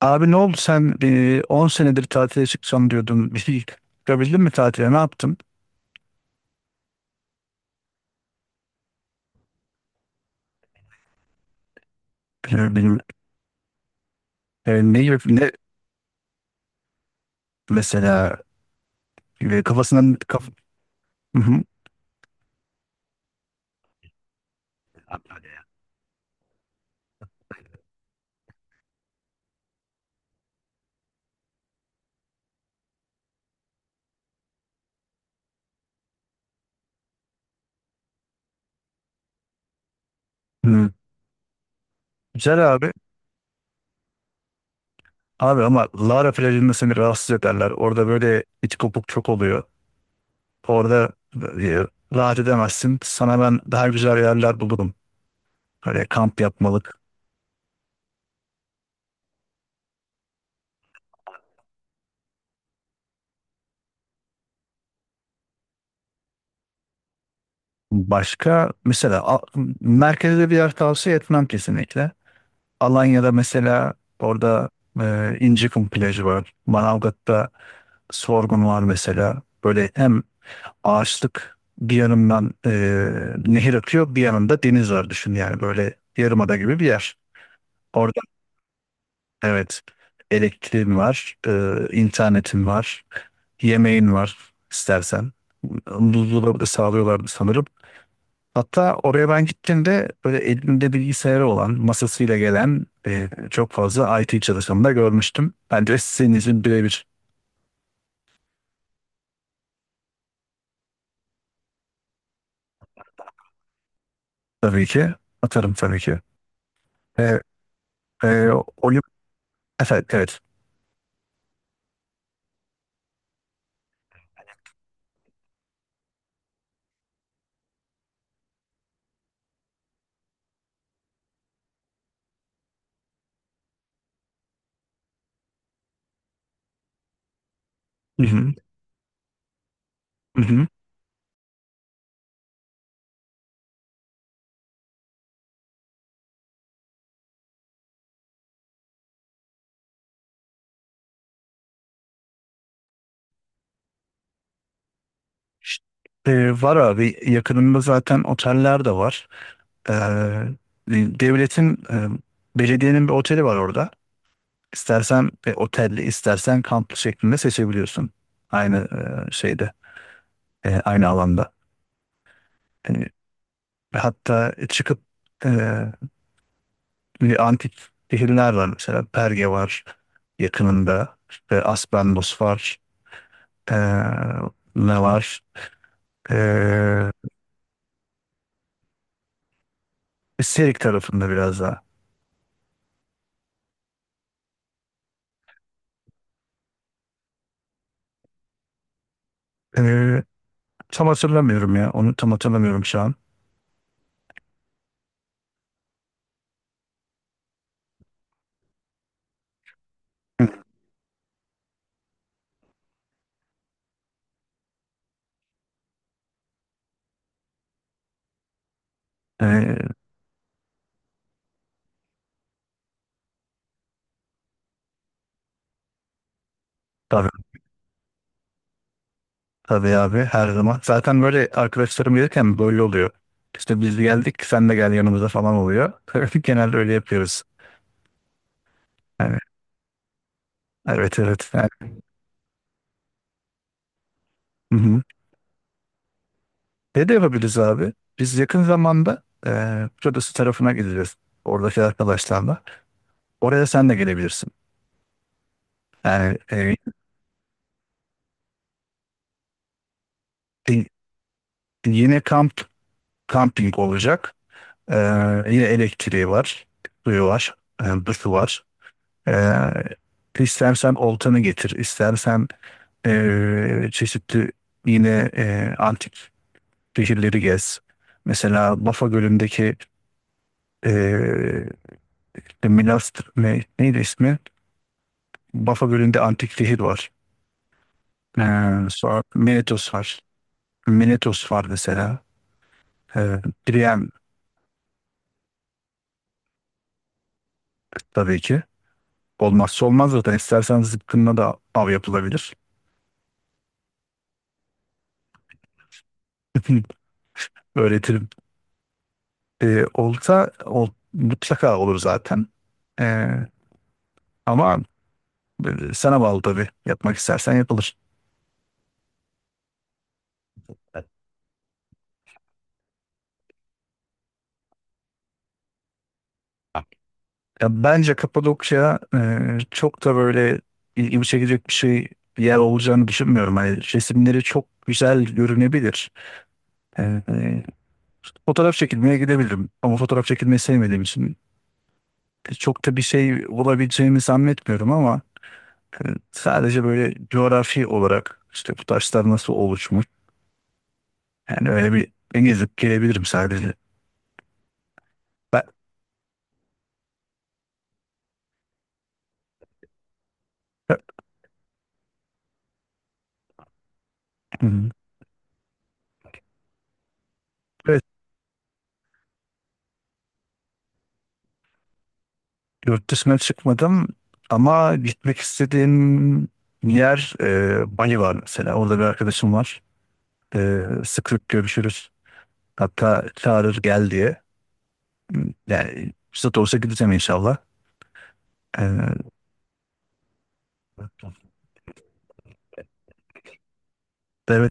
Abi ne oldu sen 10 senedir tatile çıkacağım diyordun. Bir şey çıkabildin mi tatile? Ne yaptın? Benim, ne mesela e, kafasından kaf Hı hı. Hı. Güzel abi. Abi ama Lara plajında seni rahatsız ederler. Orada böyle iç kopuk çok oluyor. Orada e, rahat edemezsin. Sana ben daha güzel yerler bulurum. Böyle kamp yapmalık. Başka mesela a- merkezde bir yer tavsiye etmem kesinlikle. Alanya'da mesela orada İncikum plajı var. Manavgat'ta Sorgun var mesela. Böyle hem ağaçlık bir yanından, nehir akıyor bir yanında deniz var, düşün yani böyle yarımada gibi bir yer. Orada evet, elektriğin var, internetin var, yemeğin var istersen. Buzdolabı da sağlıyorlardı sanırım. Hatta oraya ben gittiğimde böyle elinde bilgisayarı olan, masasıyla gelen, çok fazla IT çalışanı da görmüştüm. Ben de sizin için birebir tabii ki, atarım tabii ki. E, e, Olim, evet, evet. Hı hı, hı hı. İşte, var abi, yakınımda zaten oteller de var. E, devletin, belediyenin bir oteli var orada. İstersen otelli, istersen kamplı şeklinde seçebiliyorsun. Aynı e, şeyde, aynı alanda. E, Ve hatta çıkıp, eee, bir antik şehirler var mesela. Perge var yakınında. İşte Aspendos var. Eee, ne var? Eee Serik tarafında biraz daha. Eee, tam hatırlamıyorum ya. Onu tam hatırlamıyorum şu an. Ee, tabii, tabii abi, her zaman. Zaten böyle arkadaşlarım gelirken böyle oluyor. İşte biz geldik sen de gel yanımıza falan oluyor. Genelde öyle yapıyoruz. Yani evet evet. Yani, hı hı. Ne de yapabiliriz abi? Biz yakın zamanda Kıbrıs tarafına gideceğiz. Oradaki arkadaşlarla. Oraya sen de gelebilirsin. Yani y- yine kamping olacak. E, yine elektriği var. Suyu var. Duşu var. E, istersen oltanı getir, istersen çeşitli, yine antik şehirleri gez. Mesela Bafa Gölü'ndeki Milas, neydi ismi? Bafa Gölü'nde antik şehir var. Ee, sonra Minetos var. Minetos var mesela. Priam tabii ki. Olmazsa olmaz zaten. İstersen zıpkınla da av yapılabilir. Öğretirim. Mutlaka olur zaten. Ee, ama sana bağlı tabii. Yapmak istersen yapılır. Ya bence Kapadokya çok da böyle ilgimi çekecek bir yer olacağını düşünmüyorum. Hani resimleri çok güzel görünebilir. E, e, fotoğraf çekilmeye gidebilirim ama fotoğraf çekilmeyi sevmediğim için çok da bir şey olabileceğini zannetmiyorum ama e, sadece böyle coğrafi olarak, işte bu taşlar nasıl oluşmuş, yani öyle bir gezip gelebilirim sadece. Ben, evet. Yurt dışına çıkmadım ama gitmek istediğim yer, Bali var mesela. Orada bir arkadaşım var. Sık sık görüşürüz. Hatta çağırır gel diye. Yani fırsat olsa gideceğim inşallah. E, evet,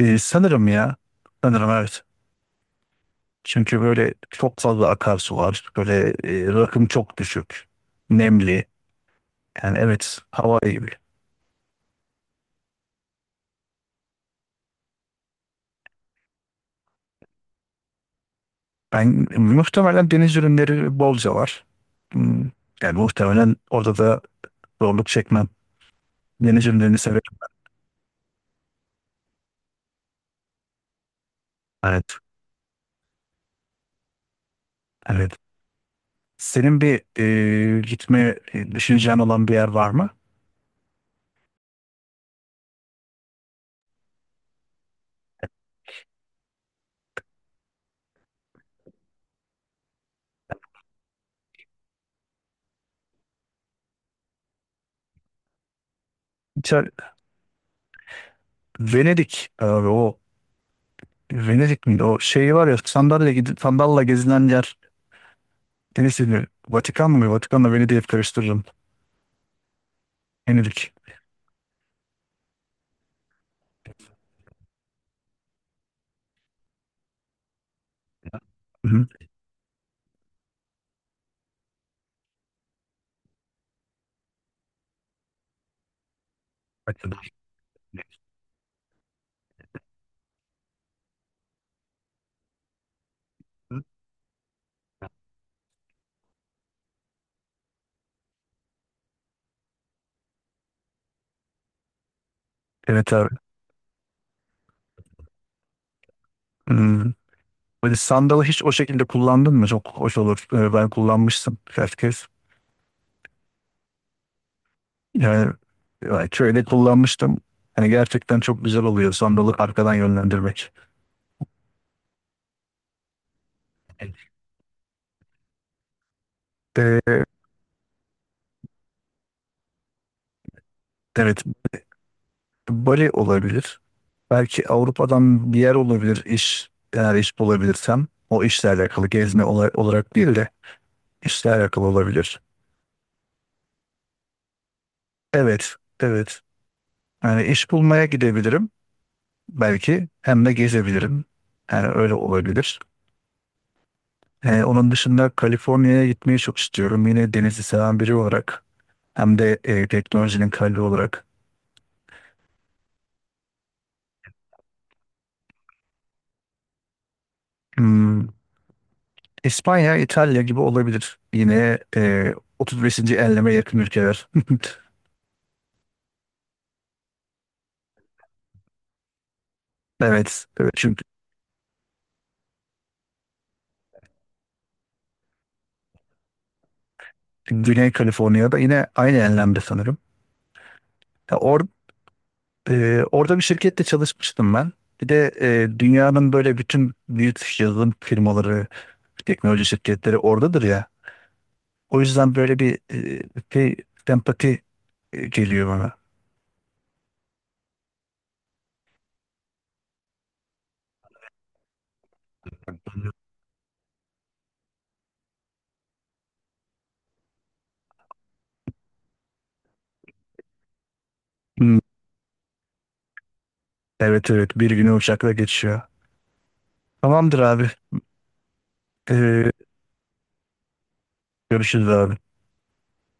sanırım ya. Sanırım evet. Çünkü böyle çok fazla akarsu var. Böyle, rakım çok düşük. Nemli. Yani evet, hava iyi. Ben muhtemelen, deniz ürünleri bolca var. Hmm, yani muhtemelen orada da zorluk çekmem. Deniz ürünlerini severim. Evet. Evet. Senin bir, düşüneceğin olan bir yer var mı? İşte Venedik abi, o Venedik miydi? O şey var ya, sandalye gidip sandalla gezilen yer. Deniz ürünü. Vatikan mı? Vatikan'la Venedik'i hep karıştırırım. Venedik. Hı hı. Evet abi. Hmm, böyle sandalı hiç o şekilde kullandın mı? Çok hoş olur. Ben kullanmıştım birkaç kez. Yani, yani köyde kullanmıştım. Hani gerçekten çok güzel oluyor sandalı arkadan yönlendirmek. De, evet, Bali olabilir. Belki Avrupa'dan bir yer olabilir, iş. Eğer iş bulabilirsem, o işle alakalı olarak değil de işle alakalı olabilir. Evet, evet. Yani iş bulmaya gidebilirim belki, hem de gezebilirim. Yani öyle olabilir. Onun dışında Kaliforniya'ya gitmeyi çok istiyorum. Yine denizi seven biri olarak, hem de teknolojinin kalbi olarak. Hmm, İspanya, İtalya gibi olabilir. Yine 35. enleme yakın ülkeler. Evet, evet. Çünkü Güney Kaliforniya'da yine aynı enlemde sanırım. Ya or, orada bir şirkette çalışmıştım ben. Bir de dünyanın böyle bütün büyük yazılım firmaları, teknoloji şirketleri oradadır ya. O yüzden böyle bir, şey, empati geliyor bana. Hmm, evet evet, bir günü uçakla geçiyor. Tamamdır abi. Ee, görüşürüz abi.